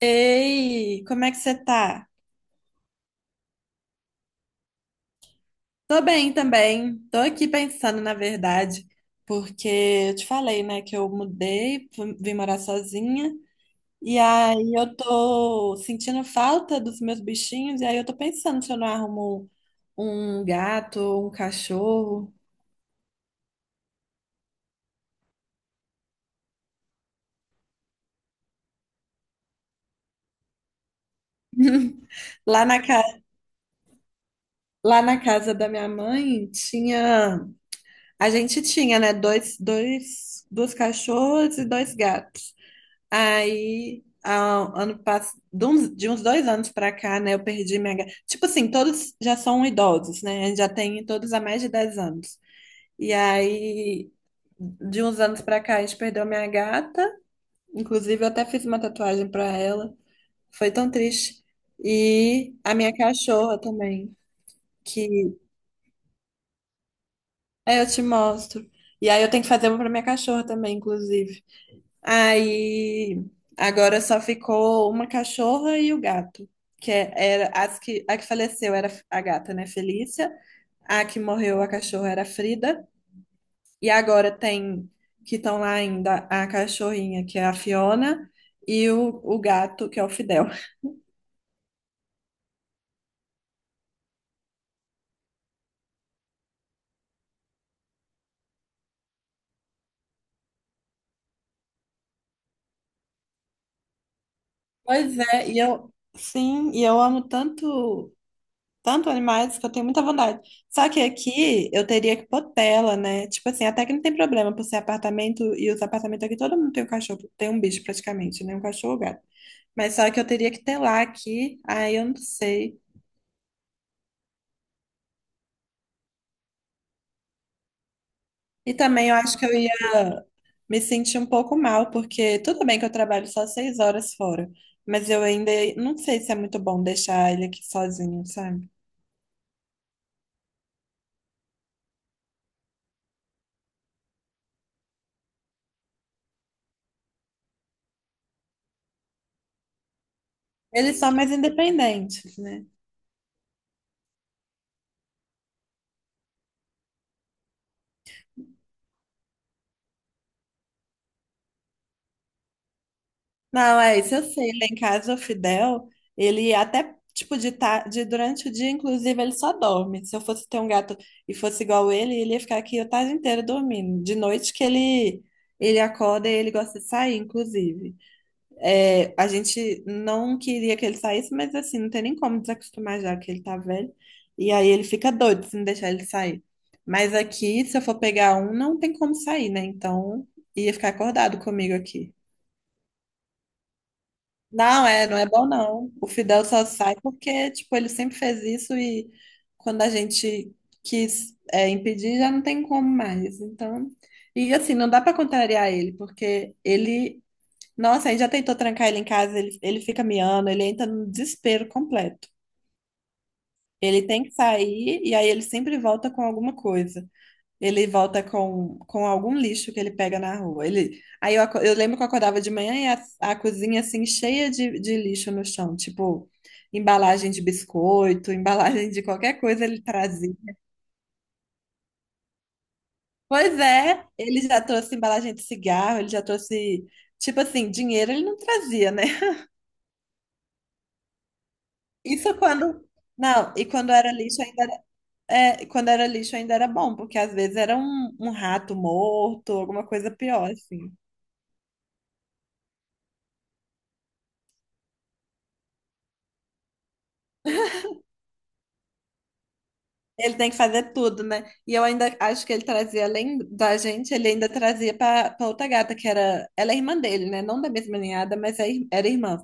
Ei, como é que você tá? Tô bem também. Tô aqui pensando, na verdade, porque eu te falei, né, que eu mudei, vim morar sozinha, e aí eu tô sentindo falta dos meus bichinhos, e aí eu tô pensando se eu não arrumo um gato, um cachorro. Lá na ca... Lá na casa da minha mãe tinha. A gente tinha, né, duas cachorras e dois gatos. Aí, de uns dois anos pra cá, né, eu perdi minha. Ga- Tipo assim, todos já são idosos, né? A gente já tem todos há mais de 10 anos. E aí, de uns anos pra cá, a gente perdeu minha gata. Inclusive, eu até fiz uma tatuagem pra ela. Foi tão triste. E a minha cachorra também, que. Aí eu te mostro. E aí, eu tenho que fazer uma pra minha cachorra também, inclusive. Aí agora só ficou uma cachorra e o gato, era as que a que faleceu, era a gata, né, Felícia. A que morreu, a cachorra, era a Frida, e agora tem que estão lá ainda a cachorrinha que é a Fiona e o gato que é o Fidel. Pois é, e eu sim, e eu amo tanto animais que eu tenho muita vontade. Só que aqui eu teria que pôr tela, né? Tipo assim, até que não tem problema por ser apartamento, e os apartamentos aqui todo mundo tem um cachorro, tem um bicho praticamente, né? Um cachorro ou gato. Mas só que eu teria que telar aqui, aí eu não sei. E também eu acho que eu ia me sentir um pouco mal, porque tudo bem que eu trabalho só seis horas fora, mas eu ainda não sei se é muito bom deixar ele aqui sozinho, sabe? Eles são mais independentes, né? Não, é isso, eu sei. Lá em casa, o Fidel, ele até, tipo, de durante o dia, inclusive, ele só dorme. Se eu fosse ter um gato e fosse igual ele, ele ia ficar aqui o tarde inteiro dormindo. De noite que ele acorda e ele gosta de sair, inclusive. É, a gente não queria que ele saísse, mas assim, não tem nem como desacostumar já que ele tá velho. E aí ele fica doido se não deixar ele sair. Mas aqui, se eu for pegar um, não tem como sair, né? Então, ia ficar acordado comigo aqui. Não, é, não é bom não. O Fidel só sai porque, tipo, ele sempre fez isso, e quando a gente quis, é, impedir, já não tem como mais. Então, e assim, não dá pra contrariar ele, porque ele, nossa, aí já tentou trancar ele em casa, ele fica miando, ele entra no desespero completo. Ele tem que sair, e aí ele sempre volta com alguma coisa. Ele volta com algum lixo que ele pega na rua. Ele, aí eu, aco- Eu lembro que eu acordava de manhã e a cozinha assim cheia de lixo no chão, tipo embalagem de biscoito, embalagem de qualquer coisa ele trazia. Pois é, ele já trouxe embalagem de cigarro, ele já trouxe, tipo assim, dinheiro ele não trazia, né? Isso quando, não, e quando era lixo ainda era, é, quando era lixo ainda era bom, porque às vezes era um rato morto, alguma coisa pior, assim. Ele tem que fazer tudo, né? E eu ainda acho que ele trazia, além da gente, ele ainda trazia pra pra outra gata, que era. Ela é irmã dele, né? Não da mesma ninhada, mas era irmã.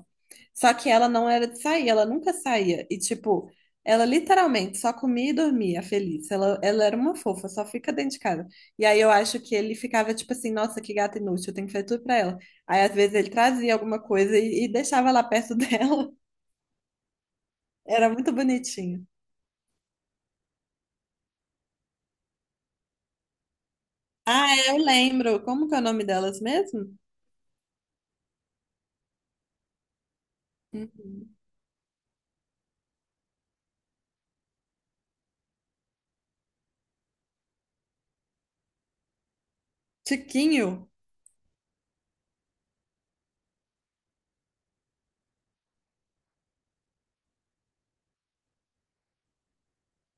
Só que ela não era de sair, ela nunca saía. E, tipo, ela literalmente só comia e dormia feliz. Ela era uma fofa, só fica dentro de casa. E aí eu acho que ele ficava, tipo assim, nossa, que gata inútil, eu tenho que fazer tudo pra ela. Aí às vezes ele trazia alguma coisa e deixava lá perto dela. Era muito bonitinho. Ah, é, eu lembro. Como que é o nome delas mesmo? Uhum. Tiquinho?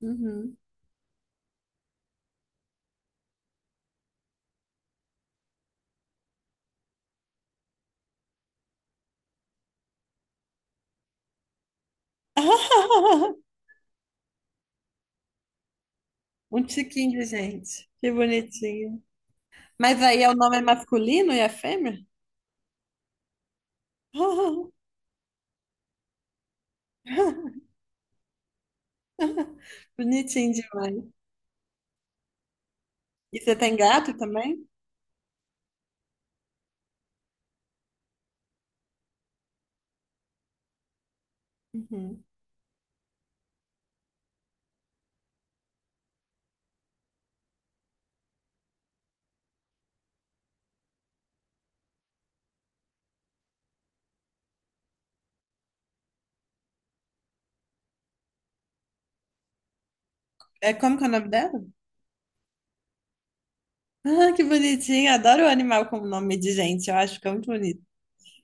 Uhum. Um tiquinho de gente. Que bonitinho. Mas aí é, o nome é masculino e a fêmea? Bonitinho demais. E você tem gato também? Uhum. É, como que é o nome dela? Ah, que bonitinho. Adoro o animal com nome de gente. Eu acho que é muito bonito.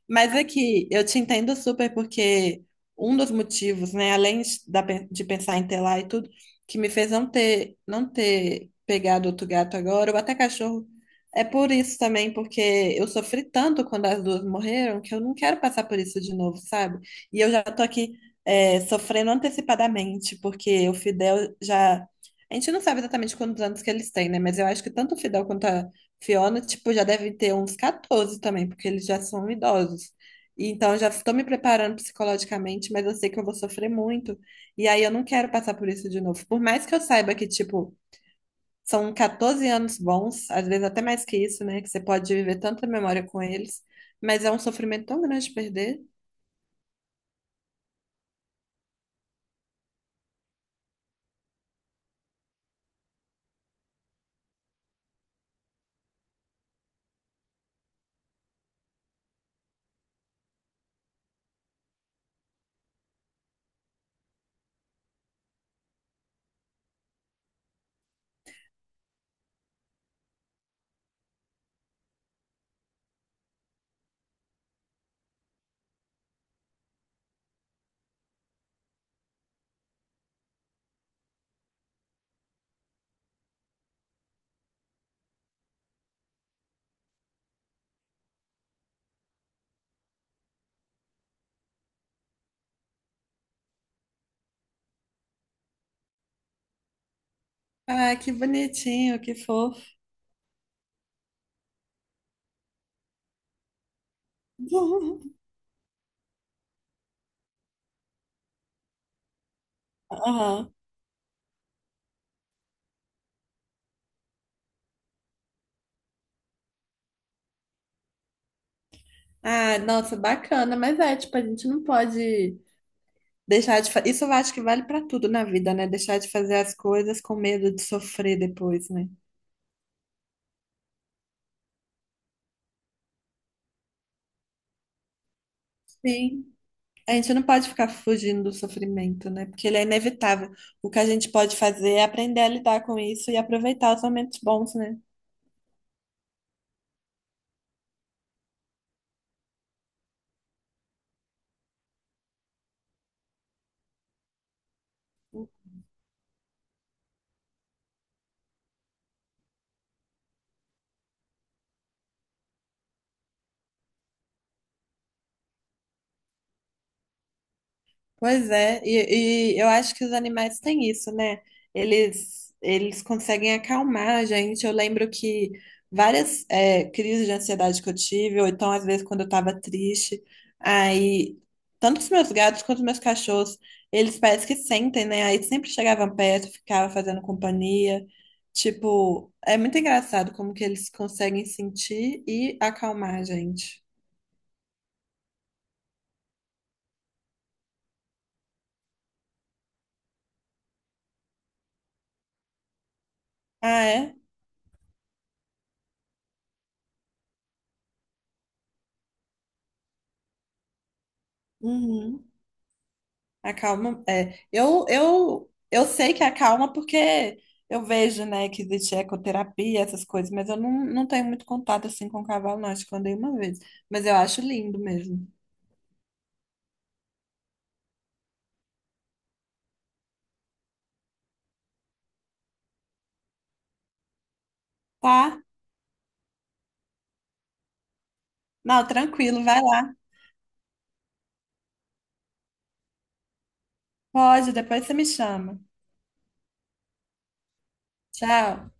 Mas é que eu te entendo super, porque um dos motivos, né, além de da pe- de pensar em ter lá e tudo, que me fez não ter pegado outro gato agora, ou até cachorro, é por isso também, porque eu sofri tanto quando as duas morreram, que eu não quero passar por isso de novo, sabe? E eu já tô aqui, é, sofrendo antecipadamente, porque o Fidel já. A gente não sabe exatamente quantos anos que eles têm, né? Mas eu acho que tanto o Fidel quanto a Fiona, tipo, já deve ter uns 14 também, porque eles já são idosos. Então, eu já estou me preparando psicologicamente, mas eu sei que eu vou sofrer muito. E aí, eu não quero passar por isso de novo. Por mais que eu saiba que, tipo, são 14 anos bons, às vezes até mais que isso, né? Que você pode viver tanta memória com eles. Mas é um sofrimento tão grande perder. Ah, que bonitinho, que fofo. Aham. Ah, nossa, bacana. Mas é, tipo, a gente não pode. Deixar de fa... Isso eu acho que vale para tudo na vida, né? Deixar de fazer as coisas com medo de sofrer depois, né? Sim, a gente não pode ficar fugindo do sofrimento, né? Porque ele é inevitável. O que a gente pode fazer é aprender a lidar com isso e aproveitar os momentos bons, né? Pois é, e eu acho que os animais têm isso, né? Eles conseguem acalmar a gente. Eu lembro que várias crises de ansiedade que eu tive, ou então às vezes quando eu tava triste, aí tanto os meus gatos quanto os meus cachorros, eles parece que sentem, né? Aí sempre chegavam perto, ficavam fazendo companhia. Tipo, é muito engraçado como que eles conseguem sentir e acalmar a gente. Ah, é? Uhum. Acalma, é. Eu sei que acalma, porque eu vejo, né, que existe ecoterapia, essas coisas, mas eu não, não tenho muito contato assim com o cavalo, não. Acho que eu andei uma vez. Mas eu acho lindo mesmo. Tá? Não, tranquilo, vai lá. Pode, depois você me chama. Tchau.